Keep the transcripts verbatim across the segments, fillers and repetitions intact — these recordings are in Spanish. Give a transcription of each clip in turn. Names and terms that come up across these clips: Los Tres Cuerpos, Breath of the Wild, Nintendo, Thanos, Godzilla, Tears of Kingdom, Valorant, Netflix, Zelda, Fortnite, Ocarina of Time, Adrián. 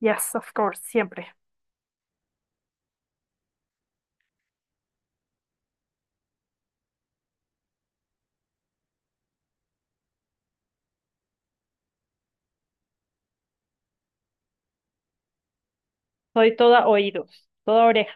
Yes, of course, siempre. Soy toda oídos, toda oreja.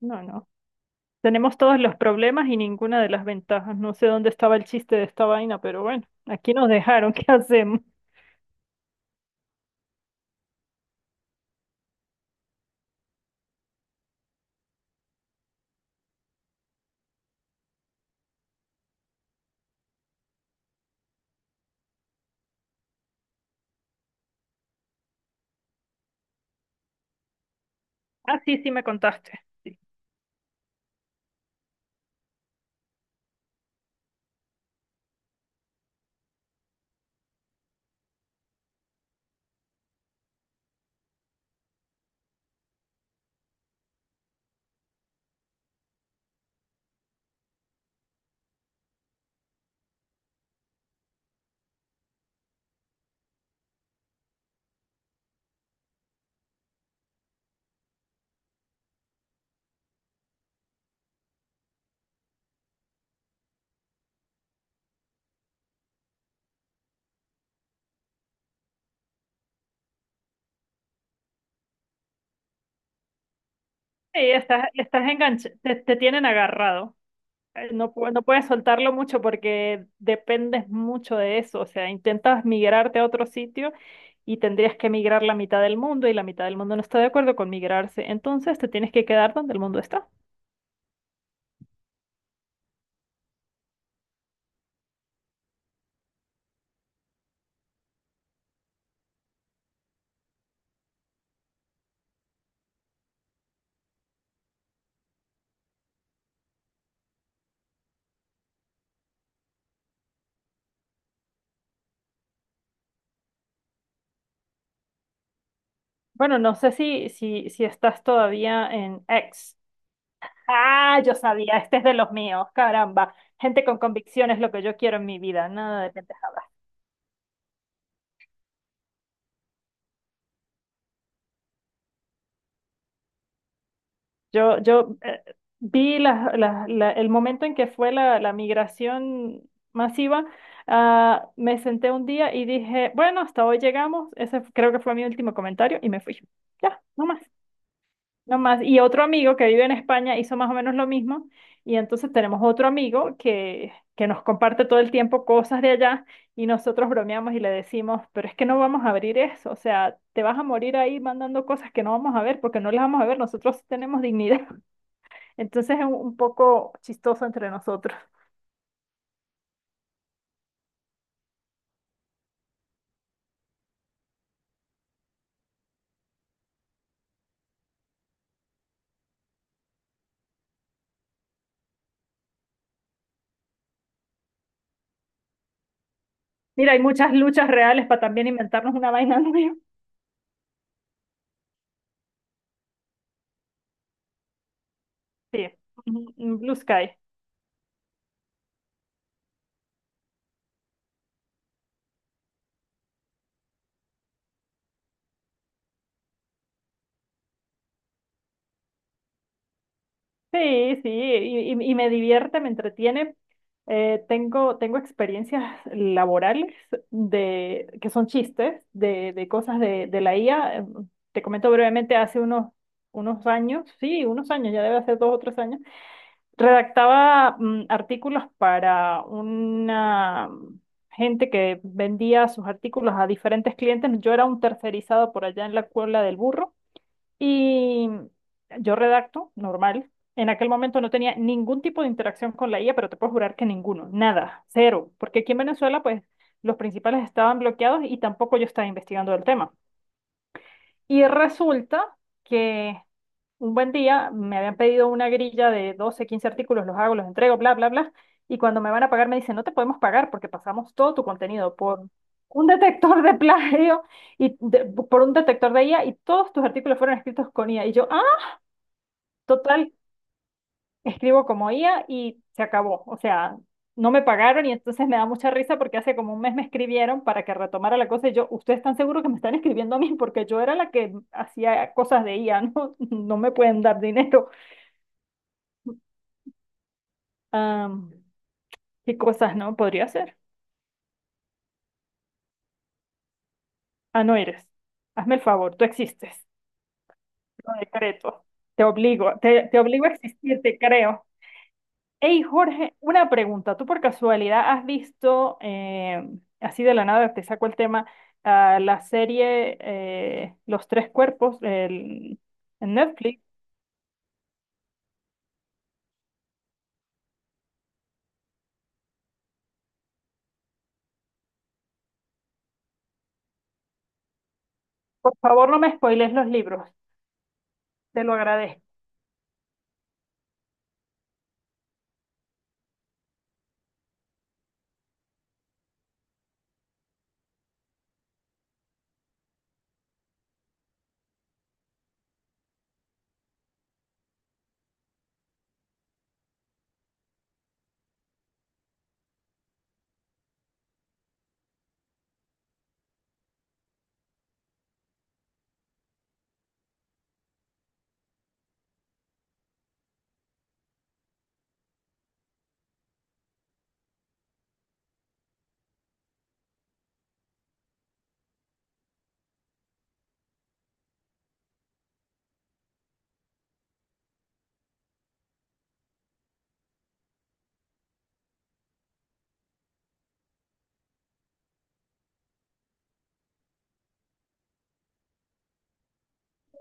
No, no. Tenemos todos los problemas y ninguna de las ventajas. No sé dónde estaba el chiste de esta vaina, pero bueno, aquí nos dejaron. ¿Qué hacemos? Ah, sí, sí me contaste. Sí. Sí, estás, estás enganchado, te, te tienen agarrado. eh, No, pu- no puedes soltarlo mucho porque dependes mucho de eso. O sea, intentas migrarte a otro sitio y tendrías que migrar la mitad del mundo y la mitad del mundo no está de acuerdo con migrarse. Entonces te tienes que quedar donde el mundo está. Bueno, no sé si, si, si estás todavía en X. Ah, yo sabía, este es de los míos, caramba. Gente con convicción es lo que yo quiero en mi vida, nada de pendejadas. Yo, yo eh, vi la- la- la- el momento en que fue la, la migración masiva, ah, me senté un día y dije, bueno, hasta hoy llegamos, ese creo que fue mi último comentario y me fui. Ya, no más. No más. Y otro amigo que vive en España hizo más o menos lo mismo. Y entonces tenemos otro amigo que, que nos comparte todo el tiempo cosas de allá y nosotros bromeamos y le decimos, pero es que no vamos a abrir eso. O sea, te vas a morir ahí mandando cosas que no vamos a ver porque no las vamos a ver. Nosotros sí tenemos dignidad. Entonces es un un poco chistoso entre nosotros. Mira, hay muchas luchas reales para también inventarnos una vaina nueva. Sí, un un Blue Sky. Sí, sí, y, y- y me divierte, me entretiene. Eh, tengo, tengo experiencias laborales de, que son chistes de, de cosas de, de la I A. Eh, Te comento brevemente, hace unos, unos años, sí, unos años, ya debe hacer dos o tres años, redactaba mm, artículos para una gente que vendía sus artículos a diferentes clientes. Yo era un tercerizado por allá en la Cuebla del Burro y yo redacto, normal. En aquel momento no tenía ningún tipo de interacción con la I A, pero te puedo jurar que ninguno, nada, cero, porque aquí en Venezuela, pues los principales estaban bloqueados y tampoco yo estaba investigando el tema. Y resulta que un buen día me habían pedido una grilla de doce quince artículos, los hago, los entrego, bla, bla, bla. Y cuando me van a pagar me dicen, no te podemos pagar porque pasamos todo tu contenido por un detector de plagio y de- por un detector de I A y todos tus artículos fueron escritos con I A. Y yo, total, escribo como I A y se acabó. O sea, no me pagaron y entonces me da mucha risa porque hace como un mes me escribieron para que retomara la cosa y yo, ¿ustedes están seguros que me están escribiendo a mí? Porque yo era la que hacía cosas de I A, ¿no? No me pueden dar dinero. Am, ¿Qué cosas no podría hacer? Ah, no eres. Hazme el favor, tú existes. Lo decreto. Te obligo, te, te obligo a existir, te creo. Hey Jorge, una pregunta. ¿Tú por casualidad has visto, eh, así de la nada te saco el tema, ah, la serie eh, Los Tres Cuerpos el- en Netflix? Por favor, no me spoiles los libros, te lo agradezco.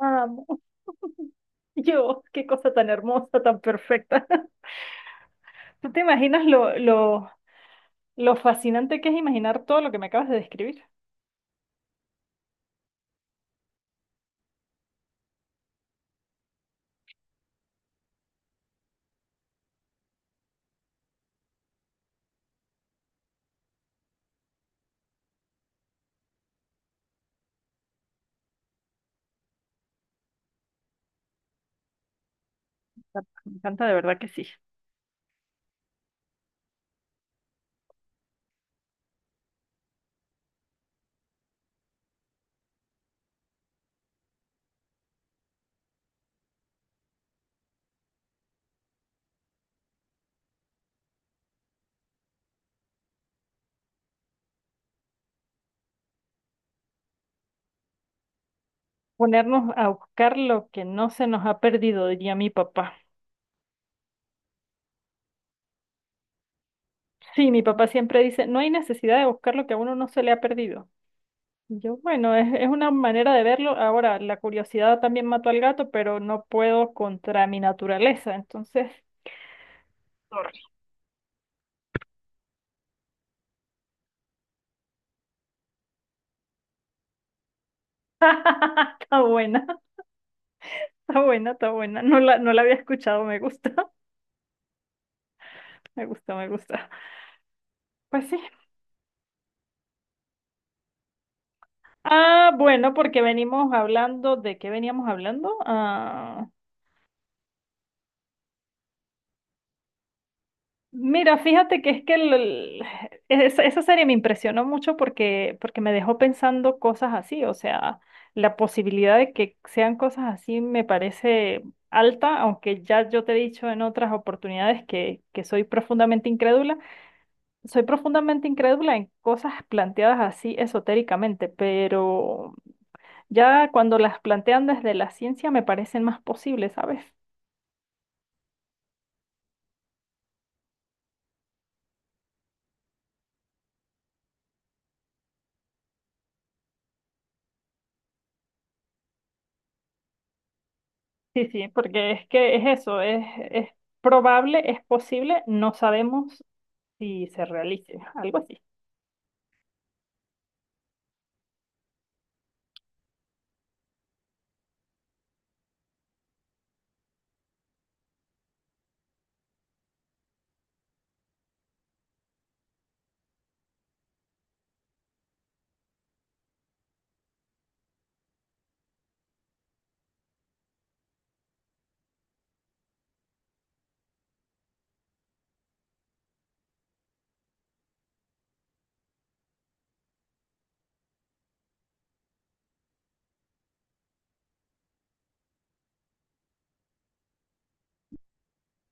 Amo. Yo, qué cosa tan hermosa, tan perfecta. ¿Tú te imaginas lo, lo, lo fascinante que es imaginar todo lo que me acabas de describir? Me encanta, de verdad que sí. Ponernos a buscar lo que no se nos ha perdido, diría mi papá. Sí, mi papá siempre dice, no hay necesidad de buscar lo que a uno no se le ha perdido. Y yo, bueno, es, es una manera de verlo. Ahora, la curiosidad también mató al gato, pero no puedo contra mi naturaleza. Entonces. Sorry. Está buena, está buena, está buena. No la, no la había escuchado, me gusta. Me gusta, me gusta. Pues sí. Ah, bueno, porque venimos hablando, ¿de qué veníamos hablando? Ah, Mira, fíjate que es que el- el- esa, esa serie me impresionó mucho porque, porque me dejó pensando cosas así, o sea, la posibilidad de que sean cosas así me parece alta, aunque ya yo te he dicho en otras oportunidades que, que soy profundamente incrédula, soy profundamente incrédula en cosas planteadas así esotéricamente, pero ya cuando las plantean desde la ciencia me parecen más posibles, ¿sabes? Sí, sí, porque es que es eso, es, es probable, es posible, no sabemos si se realice, algo así.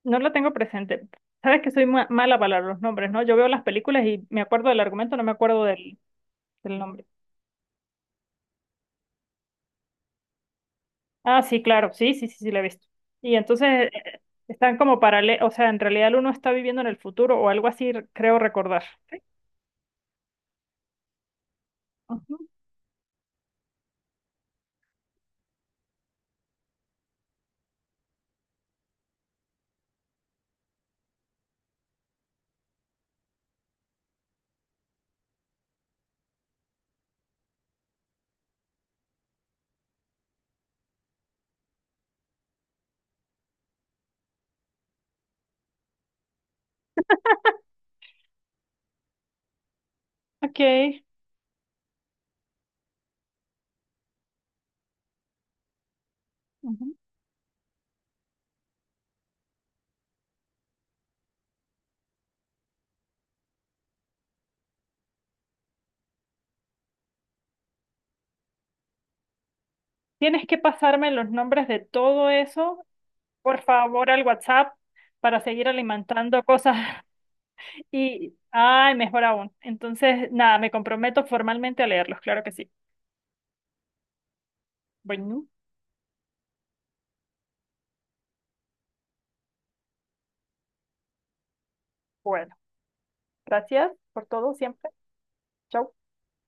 No lo tengo presente. Sabes que soy ma- mala para los nombres, ¿no? Yo veo las películas y me acuerdo del argumento, no me acuerdo del, del nombre. Ah, sí, claro, sí, sí, sí, sí, la he visto. Y entonces eh, están como paralelos, o sea, en realidad uno está viviendo en el futuro o algo así, re- creo recordar. Sí. Ujú. Ok. Ujú. Tienes que pasarme los nombres de todo eso por favor, al WhatsApp para seguir alimentando cosas y, ay, mejor aún. Entonces, nada, me comprometo formalmente a leerlos, claro que sí. Bueno, bueno, gracias por todo siempre. Chau.